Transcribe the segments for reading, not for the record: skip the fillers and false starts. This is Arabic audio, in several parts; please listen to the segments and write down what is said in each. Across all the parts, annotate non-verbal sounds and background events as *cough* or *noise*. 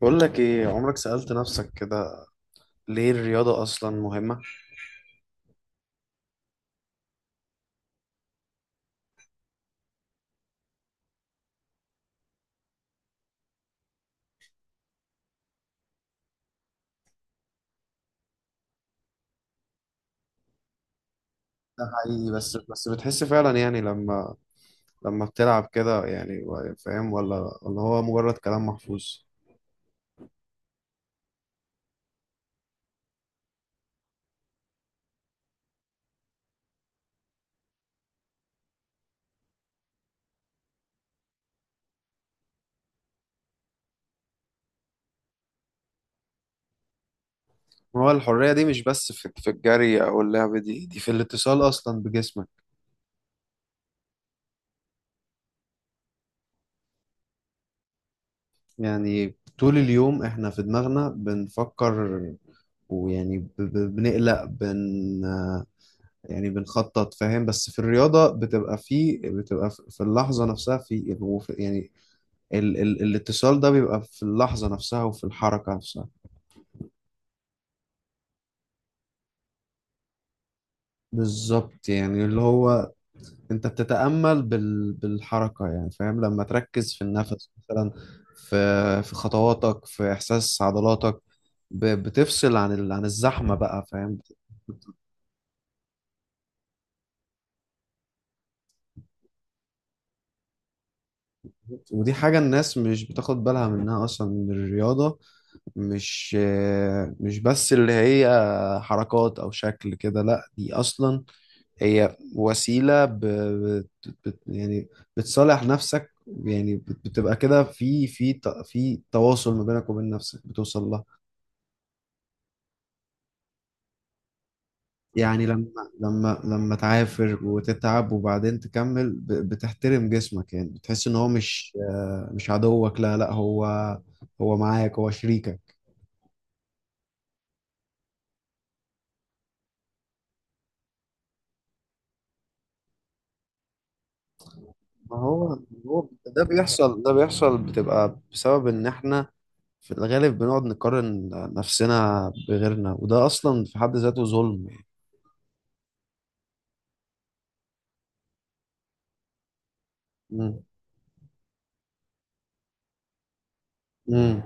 بقول لك ايه، عمرك سألت نفسك كده ليه الرياضة أصلا مهمة؟ ده حقيقي. بس بتحس فعلا، يعني لما بتلعب كده، يعني، فاهم، ولا هو مجرد كلام محفوظ؟ هو الحرية دي مش بس في الجري أو اللعب، دي في الاتصال أصلا بجسمك. يعني طول اليوم إحنا في دماغنا بنفكر، ويعني بنقلق، يعني بنخطط، فاهم، بس في الرياضة بتبقى في اللحظة نفسها، يعني ال ال الاتصال ده بيبقى في اللحظة نفسها وفي الحركة نفسها. بالظبط، يعني اللي هو انت بتتأمل بالحركة، يعني، فاهم، لما تركز في النفس مثلا، في خطواتك، في إحساس عضلاتك، بتفصل عن الزحمة بقى، فاهم. ودي حاجة الناس مش بتاخد بالها منها أصلا من الرياضة. مش مش بس اللي هي حركات أو شكل كده، لأ، دي أصلا هي وسيلة يعني بتصالح نفسك، يعني بتبقى كده في في تواصل ما بينك وبين نفسك، بتوصل لها. يعني لما تعافر وتتعب وبعدين تكمل، بتحترم جسمك، يعني بتحس ان هو مش، مش عدوك، لا لا، هو هو معاك، هو شريكك. ما هو، هو ده بيحصل. بتبقى بسبب ان احنا في الغالب بنقعد نقارن نفسنا بغيرنا، وده اصلا في حد ذاته ظلم. مم. مم.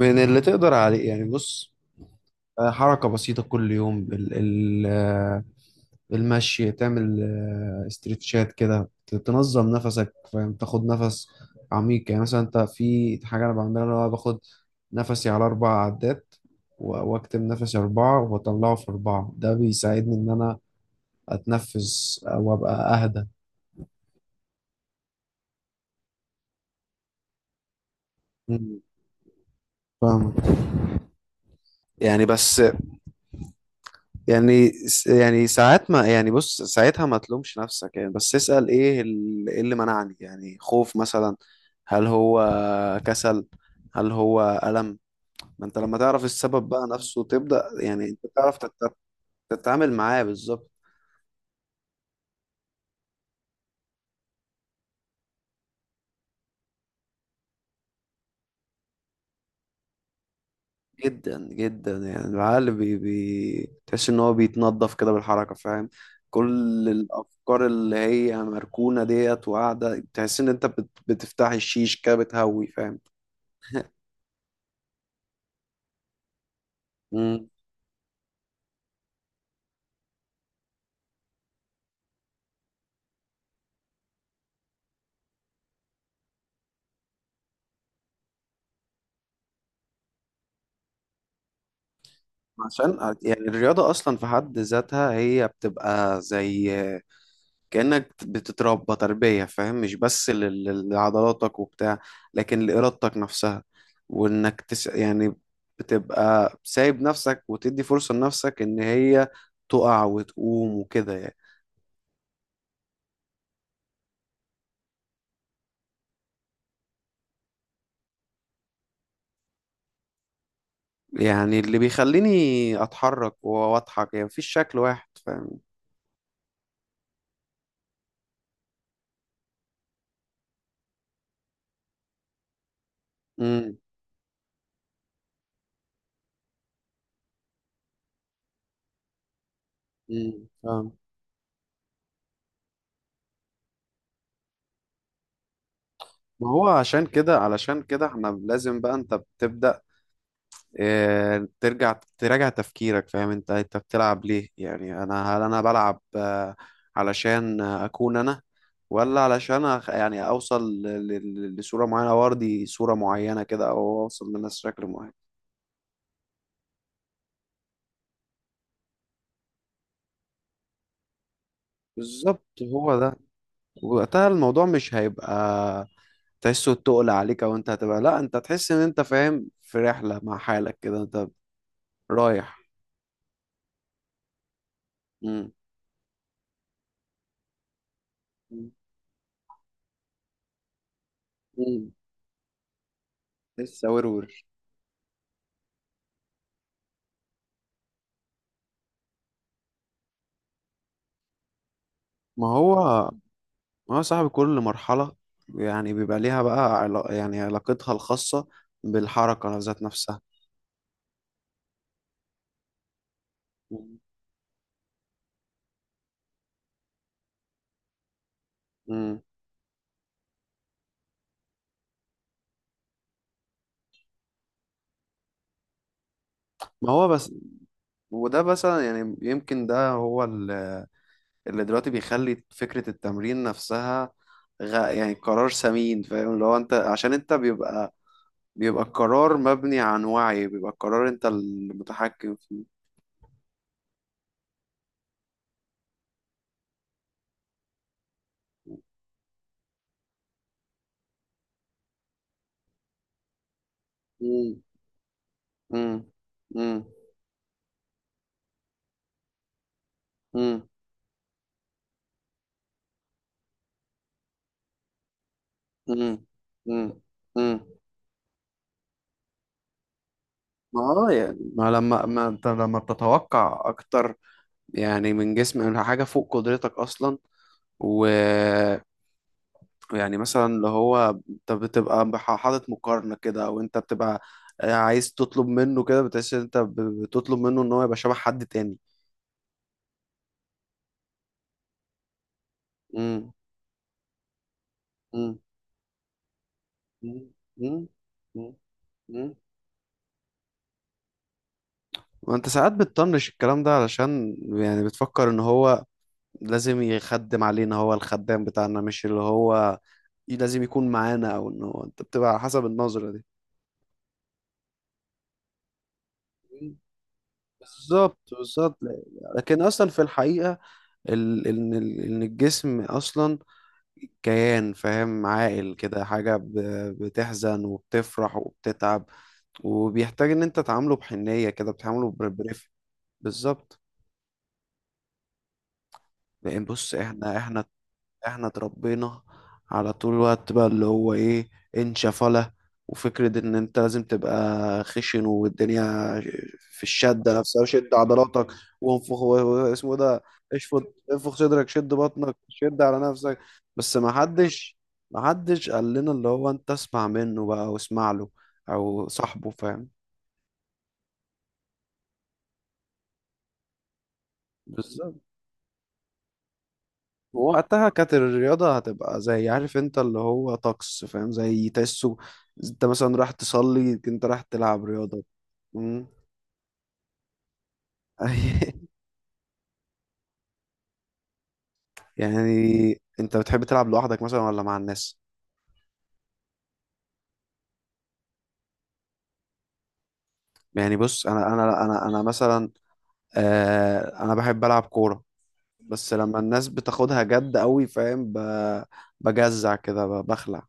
من اللي تقدر عليه، يعني بص، حركة بسيطة كل يوم، ال ال آه، المشي، تعمل استرتشات كده، تنظم نفسك، فاهم، تاخد نفس عميق. يعني مثلا انت في حاجة انا بعملها، اللي هو باخد نفسي على 4 عدات، واكتم نفسي 4، واطلعه في 4. ده بيساعدني ان انا اتنفس، وابقى اهدى. مم. فاهمك، يعني بس، يعني يعني ساعات، ما يعني بص، ساعتها ما تلومش نفسك، يعني بس اسأل ايه إيه اللي منعني، يعني خوف مثلا، هل هو كسل، هل هو ألم. ما انت لما تعرف السبب بقى، نفسه تبدأ، يعني انت تعرف تتعامل معاه، بالظبط. جدا جدا، يعني العقل بي بي تحس ان هو بيتنضف كده بالحركة، فاهم، كل الافكار اللي هي مركونة ديت وقاعدة، تحس ان انت بتفتحي الشيش كده، بتهوي، فاهم. عشان يعني الرياضة أصلا في حد ذاتها هي بتبقى زي، كأنك بتتربى تربية، فاهم، مش بس لعضلاتك وبتاع، لكن لإرادتك نفسها، وإنك يعني بتبقى سايب نفسك وتدي فرصة لنفسك إن هي تقع وتقوم وكده، يعني. يعني اللي بيخليني أتحرك وأضحك، يعني مفيش شكل واحد، فاهم. امم فاهم. ما هو عشان كده، علشان كده احنا لازم بقى، انت بتبدأ إيه، ترجع تراجع تفكيرك، فاهم، انت بتلعب ليه؟ يعني انا، هل انا بلعب، علشان اكون انا، ولا علشان يعني اوصل لصورة معينة، او ارضي صورة معينة كده، او اوصل للناس شكل معين. بالظبط، هو ده. وقتها الموضوع مش هيبقى تحسه تقل عليك، او انت هتبقى، لا، انت تحس ان انت، فاهم، في رحلة مع حالك كده، انت رايح. مم. مم. لسه ورور. ما هو، صاحب كل مرحلة يعني، بيبقى ليها بقى يعني علاقتها الخاصة بالحركة ذات نفسها. مم. ما هو بس، وده مثلا يعني، يمكن ده هو اللي دلوقتي بيخلي فكرة التمرين نفسها، يعني قرار سمين، فاهم، اللي هو انت، عشان انت بيبقى، القرار مبني عن وعي، بيبقى القرار انت المتحكم فيه. مم. مم. مم. مم. مم. مم. مم. ما، يعني، ما انت لما بتتوقع اكتر، يعني من جسم، من حاجه فوق قدرتك اصلا، و، يعني مثلا اللي هو انت بتبقى حاطط مقارنه كده، او انت بتبقى عايز تطلب منه كده، بتحس ان انت بتطلب منه ان هو يبقى شبه حد تاني. امم امم امم امم وانت ساعات بتطنش الكلام ده، علشان يعني بتفكر ان هو لازم يخدم علينا، هو الخدام بتاعنا، مش اللي هو لازم يكون معانا، او ان هو، انت بتبقى على حسب النظرة دي. بالظبط، بالظبط. لكن اصلا في الحقيقة، ان الجسم اصلا كيان، فاهم، عاقل كده، حاجة بتحزن وبتفرح وبتتعب، وبيحتاج ان انت تعامله بحنية كده، بتعامله برفق. بالظبط. لأن بص احنا، احنا اتربينا على طول الوقت بقى، اللي هو ايه، انشفلة، وفكرة ان انت لازم تبقى خشن، والدنيا في الشدة نفسها، شد عضلاتك، وانفخ، اسمه ده، اشفط، انفخ صدرك، شد بطنك، شد على نفسك. بس ما حدش، قال لنا اللي هو انت اسمع منه بقى، واسمع له، او صاحبه، فاهم. بالظبط. وقتها كانت الرياضة هتبقى زي، عارف انت اللي هو طقس، فاهم، زي تحسه، انت مثلا راح تصلي، انت راح تلعب رياضة. مم. *laughs* يعني انت بتحب تلعب لوحدك مثلا ولا مع الناس؟ يعني بص، انا مثلا، انا بحب العب كورة، بس لما الناس بتاخدها جد قوي، فاهم، بجزع كده، بخلع.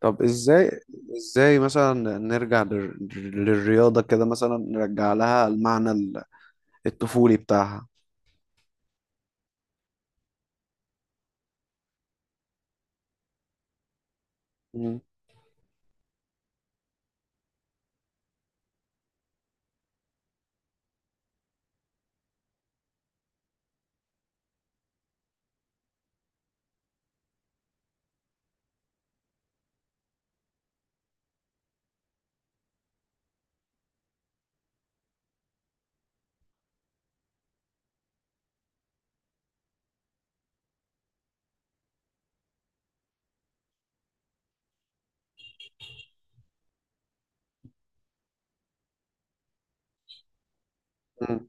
طب ازاي، مثلا نرجع للرياضة كده، مثلا نرجع لها المعنى الطفولي بتاعها. مم. مم.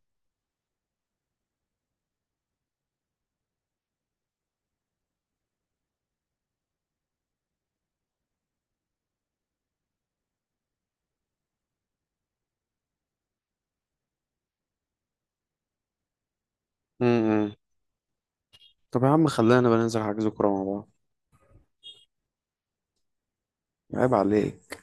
مم. طب يا عم، خلينا بقى ننزل حجز كورة مع بعض. عيب عليك.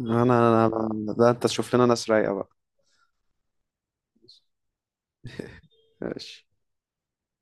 ده انت تشوف لنا ناس رايقة بقى. ماشي.